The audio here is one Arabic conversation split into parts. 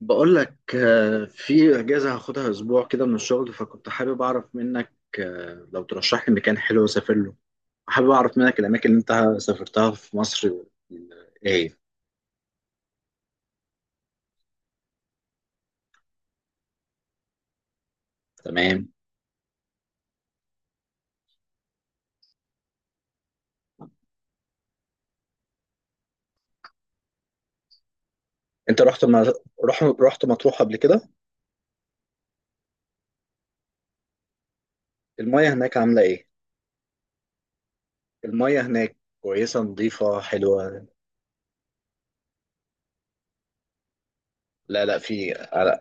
بقول لك في اجازه هاخدها اسبوع كده من الشغل فكنت حابب اعرف منك. لو ترشح لي مكان حلو اسافر له. حابب اعرف منك الاماكن اللي انت سافرتها في مصر و- ايه. تمام. انت رحت ما... رحت مطروح قبل كده؟ المايه هناك عامله ايه؟ المايه هناك كويسه نظيفه حلوه. لا، لا، في انا.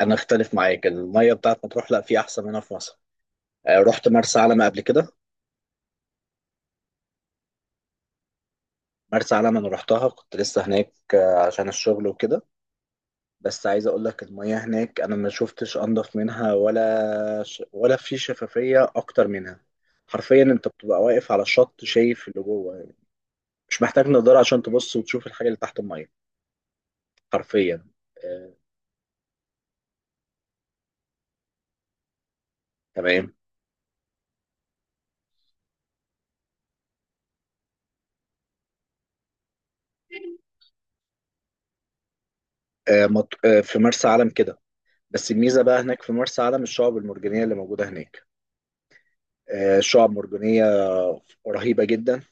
أنا اختلف معاك، المايه بتاعت مطروح لا، في احسن منها في مصر. رحت مرسى علم قبل كده. مرسى علم انا رحتها، كنت لسه هناك عشان الشغل وكده. بس عايز اقول لك المياه هناك انا ما شفتش انضف منها، ولا ش... ولا في شفافية اكتر منها. حرفيا انت بتبقى واقف على الشط شايف اللي جوه. مش محتاج نظارة عشان تبص وتشوف الحاجة اللي تحت المية، حرفيا. آه، تمام. في مرسى علم كده. بس الميزة بقى هناك في مرسى علم الشعب المرجانية اللي موجودة هناك. الشعب مرجانية رهيبة جدا.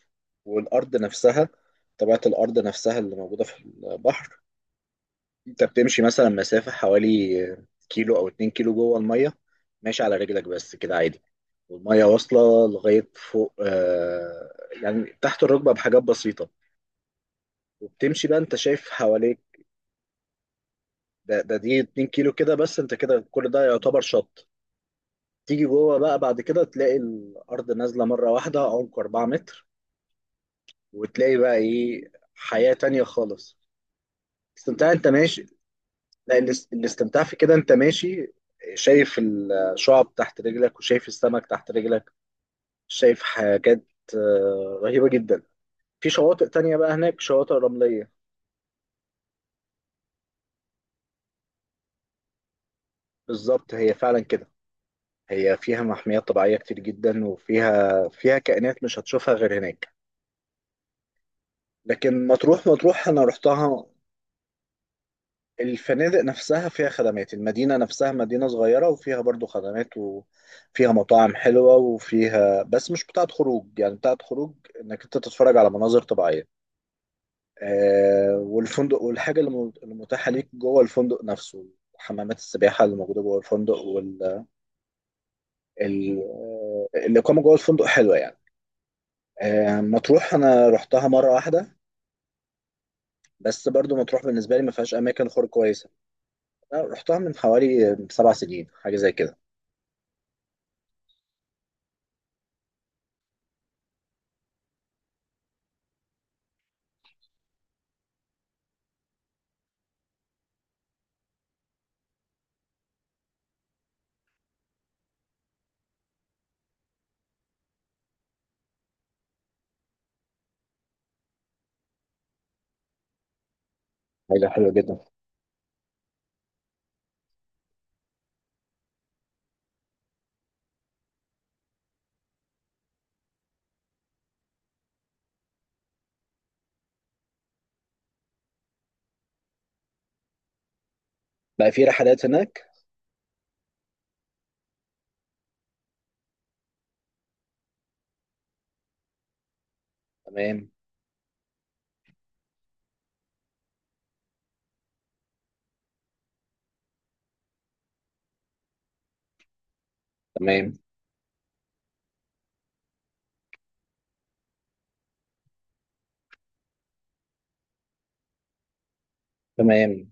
والأرض نفسها، طبيعة الأرض نفسها اللي موجودة في البحر، انت بتمشي مثلا مسافة حوالي كيلو او 2 كيلو جوه المية، ماشي على رجلك بس كده عادي. والمية واصلة لغاية فوق يعني تحت الركبة بحاجات بسيطة. وبتمشي بقى انت شايف حواليك. ده دي اتنين كيلو كده بس، انت كده كل ده يعتبر شط. تيجي جوه بقى بعد كده تلاقي الأرض نازلة مرة واحدة عمق 4 متر، وتلاقي بقى ايه حياة تانية خالص. بس انت ماشي. لا، الاستمتاع في كده، انت ماشي شايف الشعب تحت رجلك وشايف السمك تحت رجلك، شايف حاجات رهيبة جدا. في شواطئ تانية بقى هناك شواطئ رملية. بالظبط، هي فعلا كده. هي فيها محميات طبيعية كتير جدا، وفيها كائنات مش هتشوفها غير هناك. لكن مطروح انا رحتها. الفنادق نفسها فيها خدمات، المدينة نفسها مدينة صغيرة وفيها برضو خدمات وفيها مطاعم حلوة، وفيها بس مش بتاعة خروج، يعني بتاعة خروج انك انت تتفرج على مناظر طبيعية. آه، والفندق والحاجة اللي متاحة ليك جوه الفندق نفسه، حمامات السباحة اللي موجودة جوه الفندق وال ال- آه، الإقامة جوه الفندق حلوة يعني. آه، مطروح أنا رحتها مرة واحدة، بس برضو مطروح بالنسبة لي ما فيهاش أماكن خروج كويسة. أنا رحتها من حوالي 7 سنين، حاجة زي كده. حاجة حلوة جدا. بقى في رحلات هناك. تمام. تمام. تمام.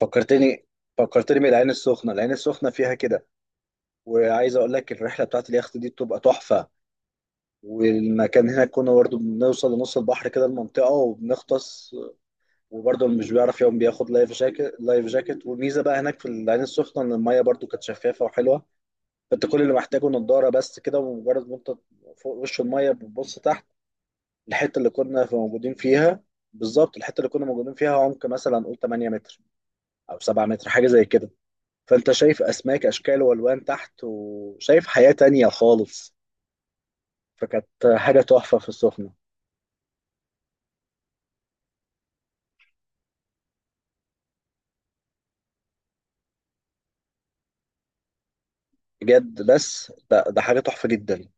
فكرتني، فكرتني بالعين السخنة، العين السخنة فيها كده. وعايز اقول لك الرحلة بتاعت اليخت دي بتبقى تحفة. والمكان هناك كنا برضه بنوصل لنص البحر كده المنطقة وبنغطس. وبرضه اللي مش بيعرف يوم بياخد لايف جاكيت، لايف جاكيت. والميزة بقى هناك في العين السخنة ان المية برضه كانت شفافة وحلوة. فانت كل اللي محتاجه نضارة بس كده، ومجرد ما انت فوق وش المية بتبص تحت الحتة اللي كنا موجودين فيها. بالظبط، الحتة اللي كنا موجودين فيها عمق مثلا قول 8 متر او 7 متر، حاجه زي كده. فانت شايف اسماك اشكال والوان تحت، وشايف حياه تانية خالص. فكانت حاجه تحفه في السخنه. بجد، بس ده حاجه تحفه جدا.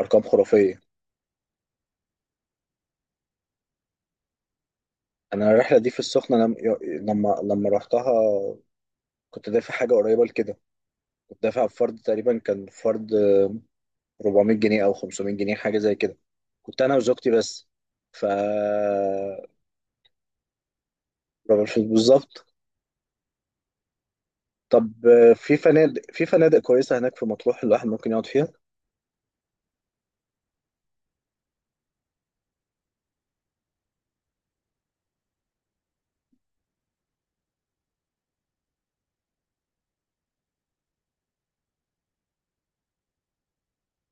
ارقام خرافيه. انا الرحله دي في السخنه لم... لما رحتها كنت دافع حاجه قريبه لكده. كنت دافع فرد، تقريبا كان فرد 400 جنيه او 500 جنيه، حاجه زي كده. كنت انا وزوجتي بس، ف بالظبط. طب في فنادق كويسه هناك في مطروح الواحد ممكن يقعد فيها.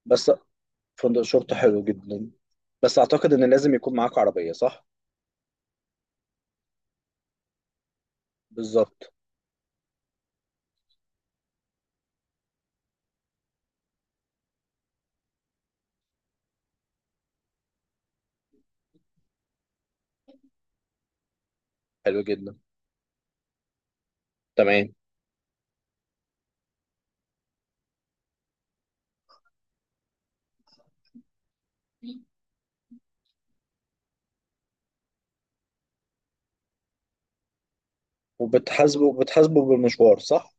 بس فندق شرطة حلو جدا، بس اعتقد ان لازم يكون معاك عربية، صح؟ بالظبط. حلو جدا. تمام. وبتحاسبه بالمشوار، صح؟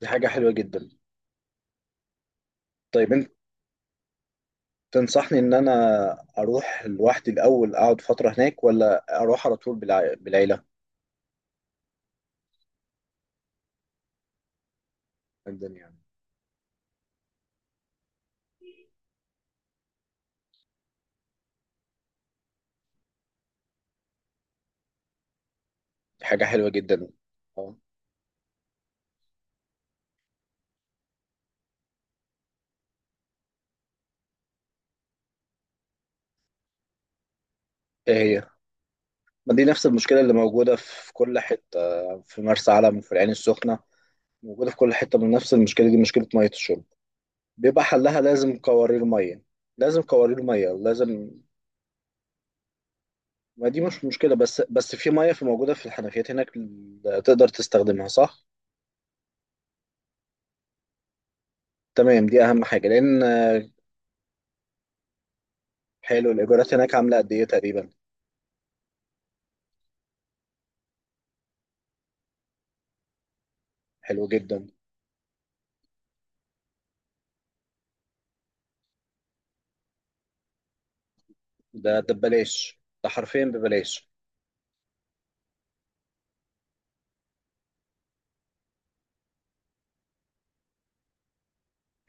دي حاجة حلوة جدا. طيب، انت تنصحني ان انا اروح لوحدي الاول اقعد فترة هناك، ولا اروح على طول بالعيلة؟ الدنيا يعني. دي حاجة حلوة جدا. اه. ايه هي؟ ما دي نفس المشكلة اللي موجودة في كل حتة، في مرسى علم وفي العين السخنة، موجودة في كل حتة من نفس المشكلة دي مشكلة مية الشرب. بيبقى حلها لازم قوارير ميه، لازم قوارير ميه، لازم. ما دي مش مشكله، بس بس في ميه في موجوده في الحنفيات هناك، تقدر تستخدمها صح؟ تمام، دي اهم حاجه لان... حلو، الايجارات هناك عامله قد ايه تقريبا؟ حلو جدا. ده ببلاش، ده حرفيا ببلاش.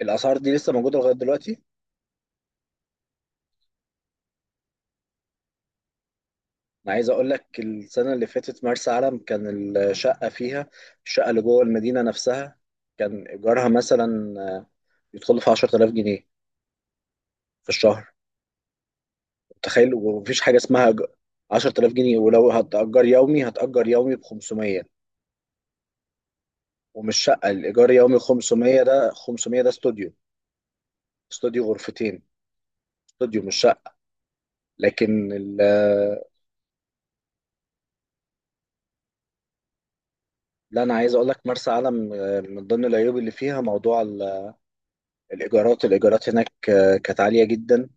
الاسعار دي لسه موجوده لغايه دلوقتي؟ انا عايز اقول لك السنه اللي فاتت مرسى علم كان الشقه فيها، الشقه اللي جوه المدينه نفسها، كان ايجارها مثلا يدخل في 10,000 جنيه في الشهر. تخيل، ومفيش حاجة اسمها ج- 10,000 جنيه. ولو هتأجر يومي هتأجر يومي ب 500، ومش شقة، الإيجار يومي 500، ده 500 ده استوديو. استوديو غرفتين، استوديو مش شقة. لكن لا، أنا عايز أقول لك مرسى علم من ضمن العيوب اللي فيها موضوع الإيجارات، الإيجارات هناك كانت عالية جدا.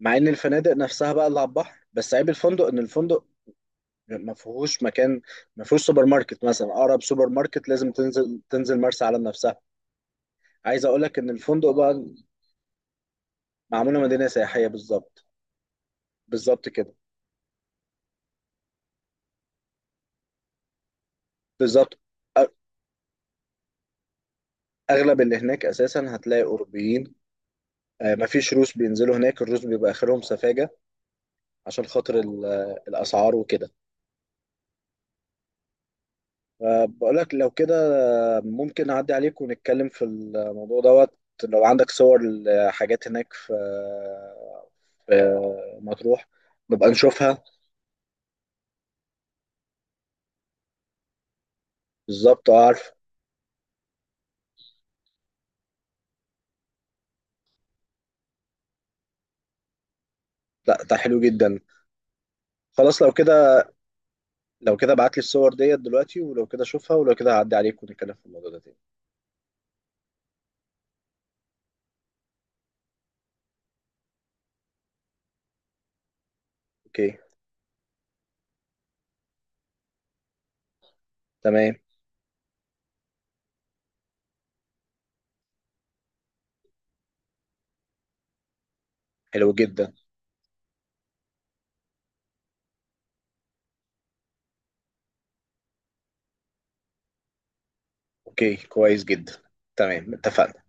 مع إن الفنادق نفسها بقى اللي على البحر، بس عيب الفندق إن الفندق ما فيهوش مكان، ما فيهوش سوبر ماركت مثلا، أقرب سوبر ماركت لازم تنزل مرسى علم نفسها. عايز اقول لك ان الفندق بقى معموله مدينه سياحيه، بالظبط. بالظبط كده. بالظبط. أ- اغلب اللي هناك اساسا هتلاقي اوروبيين. مفيش روس بينزلوا هناك، الروس بيبقى اخرهم سفاجه عشان خاطر الاسعار وكده. فبقول لك لو كده، ممكن اعدي عليك ونتكلم في الموضوع دوت. لو عندك صور لحاجات هناك في مطروح نبقى نشوفها. بالظبط، أه، عارف. لا، ده حلو جدا. خلاص، لو كده، لو كده ابعت لي الصور ديت دلوقتي، ولو كده اشوفها، ولو كده هعدي عليك ونتكلم في الموضوع ده تاني. اوكي. تمام. حلو جدا. اوكي، كويس جدا. تمام، اتفقنا.